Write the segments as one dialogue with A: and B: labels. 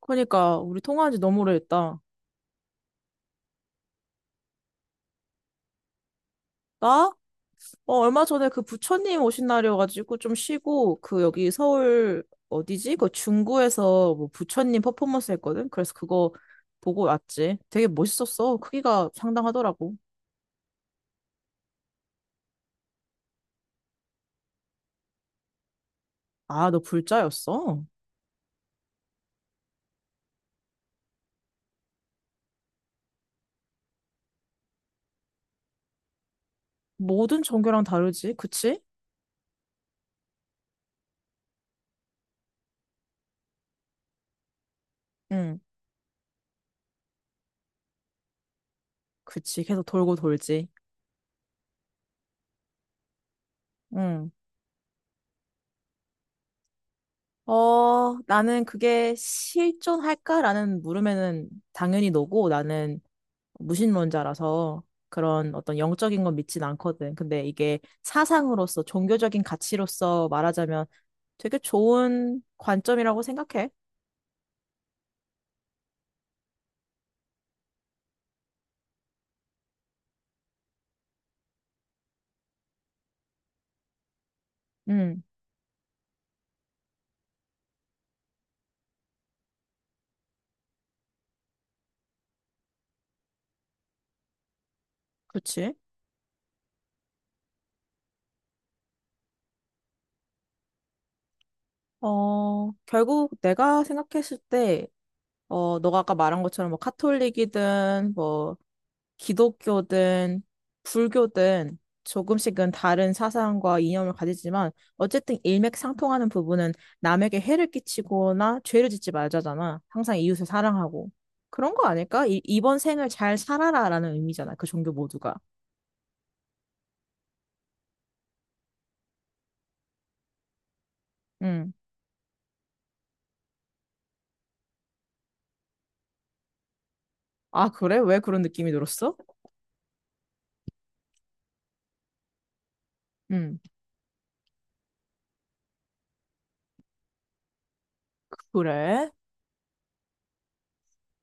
A: 그러니까 우리 통화한 지 너무 오래됐다. 나? 얼마 전에 그 부처님 오신 날이어가지고 좀 쉬고 그 여기 서울 어디지? 그 중구에서 뭐 부처님 퍼포먼스 했거든. 그래서 그거 보고 왔지. 되게 멋있었어. 크기가 상당하더라고. 아, 너 불자였어? 모든 종교랑 다르지, 그치? 응, 그치. 계속 돌고 돌지. 응. 나는 그게 실존할까라는 물음에는 당연히 너고 나는 무신론자라서 그런 어떤 영적인 건 믿진 않거든. 근데 이게 사상으로서 종교적인 가치로서 말하자면 되게 좋은 관점이라고 생각해. 음. 그렇지. 결국 내가 생각했을 때 너가 아까 말한 것처럼 뭐 카톨릭이든 뭐 기독교든 불교든 조금씩은 다른 사상과 이념을 가지지만 어쨌든 일맥상통하는 부분은 남에게 해를 끼치거나 죄를 짓지 말자잖아. 항상 이웃을 사랑하고. 그런 거 아닐까? 이번 생을 잘 살아라라는 의미잖아. 그 종교 모두가. 음. 아, 그래? 왜 그런 느낌이 들었어? 음. 그래?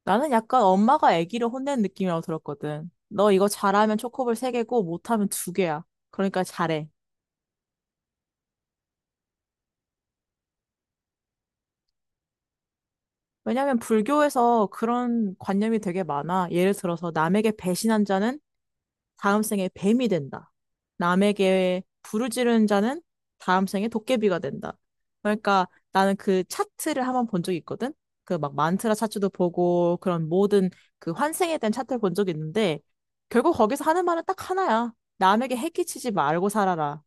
A: 나는 약간 엄마가 아기를 혼낸 느낌이라고 들었거든. 너 이거 잘하면 초코볼 세개고 못하면 두개야. 그러니까 잘해. 왜냐면 하 불교에서 그런 관념이 되게 많아. 예를 들어서 남에게 배신한 자는 다음 생에 뱀이 된다. 남에게 부르짖른 자는 다음 생에 도깨비가 된다. 그러니까 나는 그 차트를 한번 본 적이 있거든. 그 막 만트라 차트도 보고 그런 모든 그 환생에 대한 차트를 본 적이 있는데 결국 거기서 하는 말은 딱 하나야. 남에게 해끼치지 말고 살아라.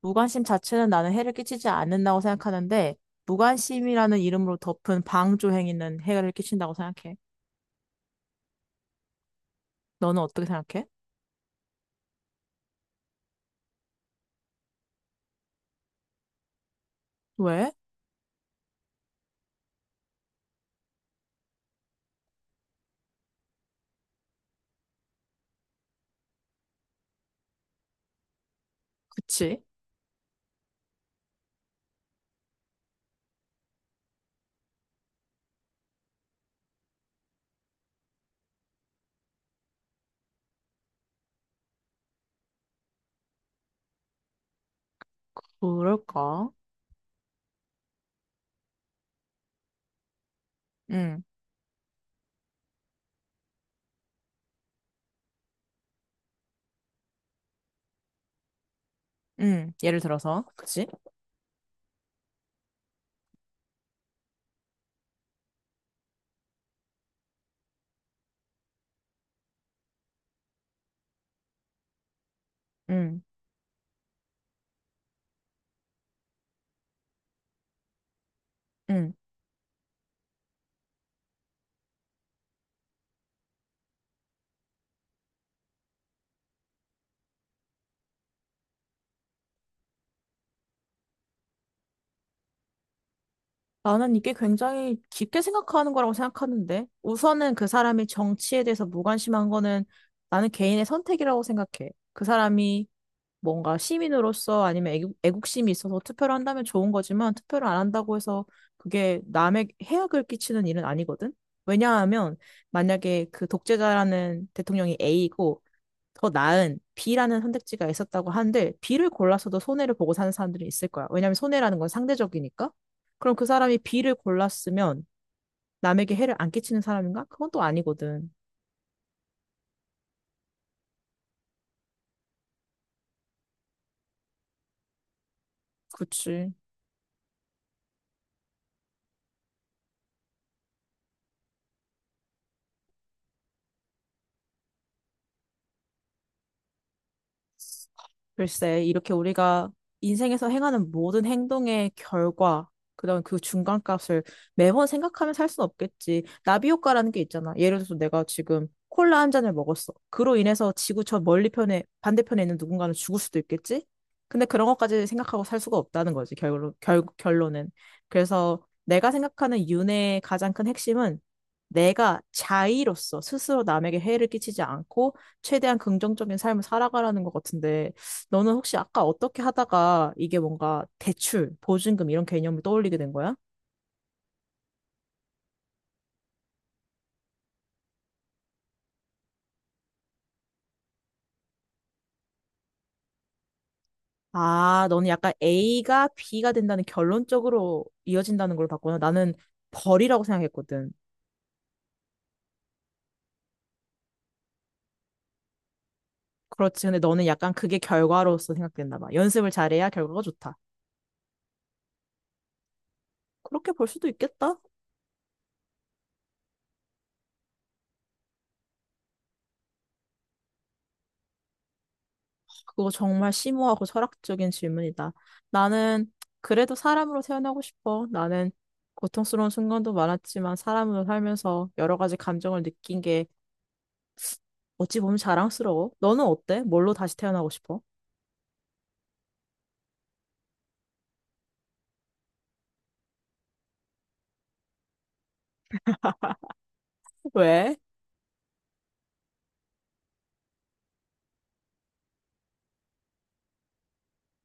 A: 무관심 자체는 나는 해를 끼치지 않는다고 생각하는데, 무관심이라는 이름으로 덮은 방조 행위는 해를 끼친다고 생각해. 너는 어떻게 생각해? 왜? 그치? 그럴까? 응, 응. 예를 들어서, 그치? 응, 응. 나는 이게 굉장히 깊게 생각하는 거라고 생각하는데, 우선은 그 사람이 정치에 대해서 무관심한 거는 나는 개인의 선택이라고 생각해. 그 사람이 뭔가 시민으로서 아니면 애국, 애국심이 있어서 투표를 한다면 좋은 거지만 투표를 안 한다고 해서 그게 남의 해악을 끼치는 일은 아니거든? 왜냐하면 만약에 그 독재자라는 대통령이 A이고 더 나은 B라는 선택지가 있었다고 한들 B를 골라서도 손해를 보고 사는 사람들이 있을 거야. 왜냐하면 손해라는 건 상대적이니까. 그럼 그 사람이 B를 골랐으면 남에게 해를 안 끼치는 사람인가? 그건 또 아니거든. 그치. 글쎄, 이렇게 우리가 인생에서 행하는 모든 행동의 결과, 그다음 그 중간값을 매번 생각하면서 할 수는 없겠지. 나비 효과라는 게 있잖아. 예를 들어서 내가 지금 콜라 한 잔을 먹었어. 그로 인해서 지구 저 멀리 편에 반대편에 있는 누군가는 죽을 수도 있겠지. 근데 그런 것까지 생각하고 살 수가 없다는 거지. 결론 결론은. 그래서 내가 생각하는 윤회의 가장 큰 핵심은 내가 자의로서 스스로 남에게 해를 끼치지 않고 최대한 긍정적인 삶을 살아가라는 것 같은데 너는 혹시 아까 어떻게 하다가 이게 뭔가 대출, 보증금 이런 개념을 떠올리게 된 거야? 아, 너는 약간 A가 B가 된다는 결론적으로 이어진다는 걸 봤구나. 나는 벌이라고 생각했거든. 그렇지. 근데 너는 약간 그게 결과로서 생각됐나 봐. 연습을 잘해야 결과가 좋다. 그렇게 볼 수도 있겠다. 그거 정말 심오하고 철학적인 질문이다. 나는 그래도 사람으로 태어나고 싶어. 나는 고통스러운 순간도 많았지만 사람으로 살면서 여러 가지 감정을 느낀 게 어찌 보면 자랑스러워. 너는 어때? 뭘로 다시 태어나고 싶어? 왜?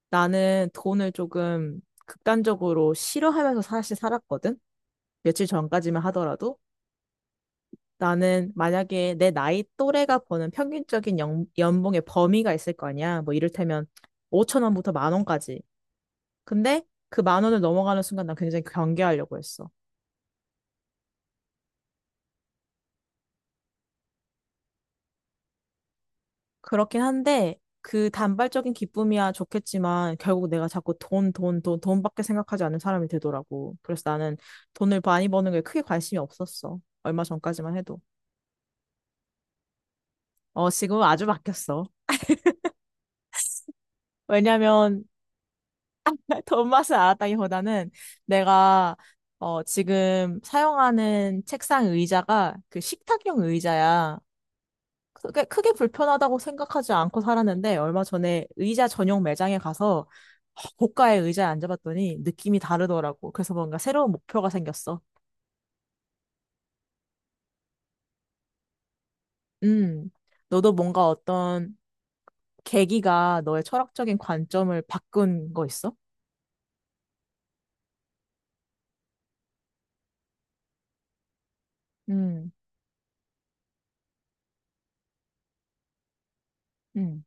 A: 나는 돈을 조금 극단적으로 싫어하면서 사실 살았거든? 며칠 전까지만 하더라도. 나는 만약에 내 나이 또래가 버는 평균적인 연, 연봉의 범위가 있을 거 아니야. 뭐 이를테면 5천 원부터 만 원까지. 근데 그 만 원을 넘어가는 순간 난 굉장히 경계하려고 했어. 그렇긴 한데 그 단발적인 기쁨이야 좋겠지만 결국 내가 자꾸 돈, 돈, 돈, 돈밖에 생각하지 않는 사람이 되더라고. 그래서 나는 돈을 많이 버는 거에 크게 관심이 없었어. 얼마 전까지만 해도. 지금은 아주 바뀌었어. 왜냐면 돈 맛을 알았다기보다는 내가 지금 사용하는 책상 의자가 그 식탁용 의자야. 크게, 크게 불편하다고 생각하지 않고 살았는데 얼마 전에 의자 전용 매장에 가서 고가의 의자에 앉아봤더니 느낌이 다르더라고. 그래서 뭔가 새로운 목표가 생겼어. 음, 너도 뭔가 어떤 계기가 너의 철학적인 관점을 바꾼 거 있어? 음, 음,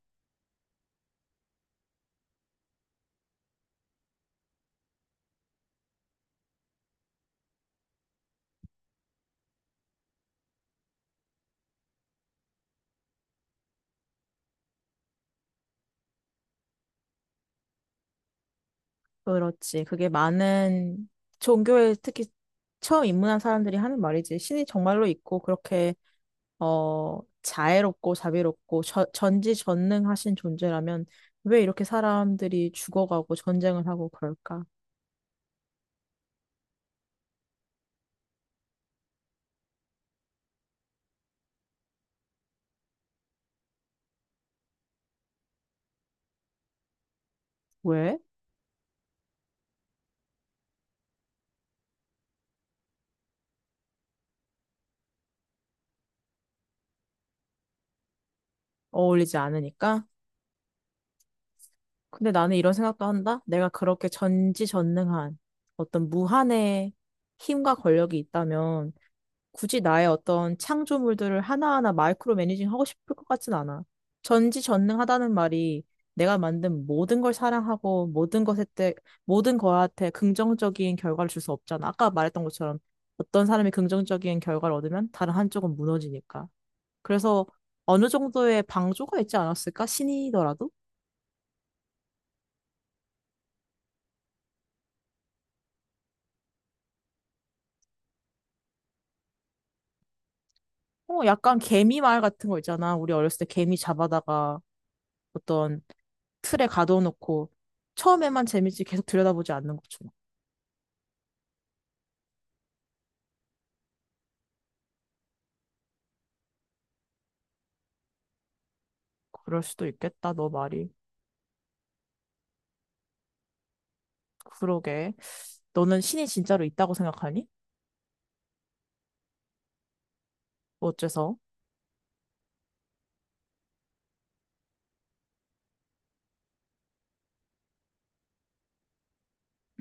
A: 그렇지. 그게 많은 종교에 특히 처음 입문한 사람들이 하는 말이지. 신이 정말로 있고 그렇게 자애롭고 자비롭고 전지전능하신 존재라면 왜 이렇게 사람들이 죽어가고 전쟁을 하고 그럴까? 왜? 어울리지 않으니까? 근데 나는 이런 생각도 한다. 내가 그렇게 전지전능한 어떤 무한의 힘과 권력이 있다면 굳이 나의 어떤 창조물들을 하나하나 마이크로 매니징 하고 싶을 것 같진 않아. 전지전능하다는 말이 내가 만든 모든 걸 사랑하고 모든 것에 대, 모든 거한테 긍정적인 결과를 줄 수 없잖아. 아까 말했던 것처럼 어떤 사람이 긍정적인 결과를 얻으면 다른 한쪽은 무너지니까. 그래서 어느 정도의 방조가 있지 않았을까? 신이더라도? 약간 개미 말 같은 거 있잖아. 우리 어렸을 때 개미 잡아다가 어떤 틀에 가둬놓고 처음에만 재밌지 계속 들여다보지 않는 것처럼. 그럴 수도 있겠다, 너 말이. 그러게. 너는 신이 진짜로 있다고 생각하니? 어째서?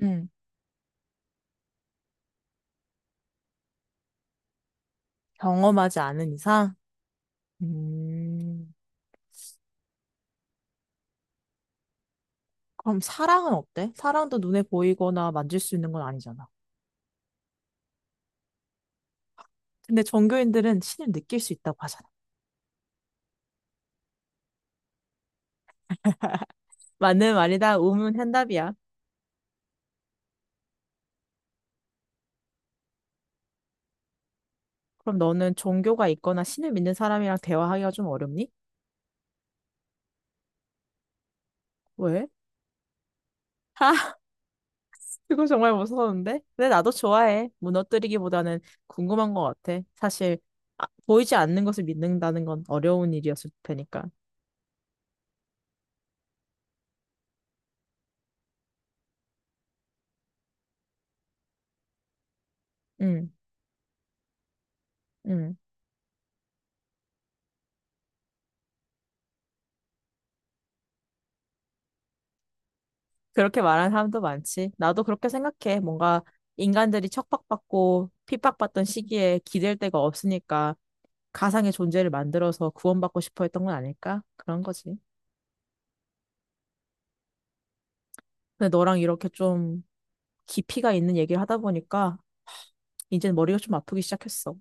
A: 응. 경험하지 않은 이상? 음. 그럼 사랑은 어때? 사랑도 눈에 보이거나 만질 수 있는 건 아니잖아. 근데 종교인들은 신을 느낄 수 있다고 하잖아. 맞는 말이다. 우문현답이야. 그럼 너는 종교가 있거나 신을 믿는 사람이랑 대화하기가 좀 어렵니? 왜? 그거 정말 무서운데? 근데 나도 좋아해. 무너뜨리기보다는 궁금한 것 같아. 사실, 아, 보이지 않는 것을 믿는다는 건 어려운 일이었을 테니까. 응, 응. 그렇게 말하는 사람도 많지. 나도 그렇게 생각해. 뭔가 인간들이 척박받고 핍박받던 시기에 기댈 데가 없으니까 가상의 존재를 만들어서 구원받고 싶어 했던 건 아닐까? 그런 거지. 근데 너랑 이렇게 좀 깊이가 있는 얘기를 하다 보니까 이제 머리가 좀 아프기 시작했어.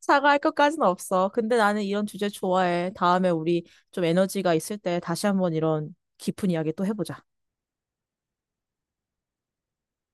A: 사과할 것까진 없어. 근데 나는 이런 주제 좋아해. 다음에 우리 좀 에너지가 있을 때 다시 한번 이런 깊은 이야기 또 해보자.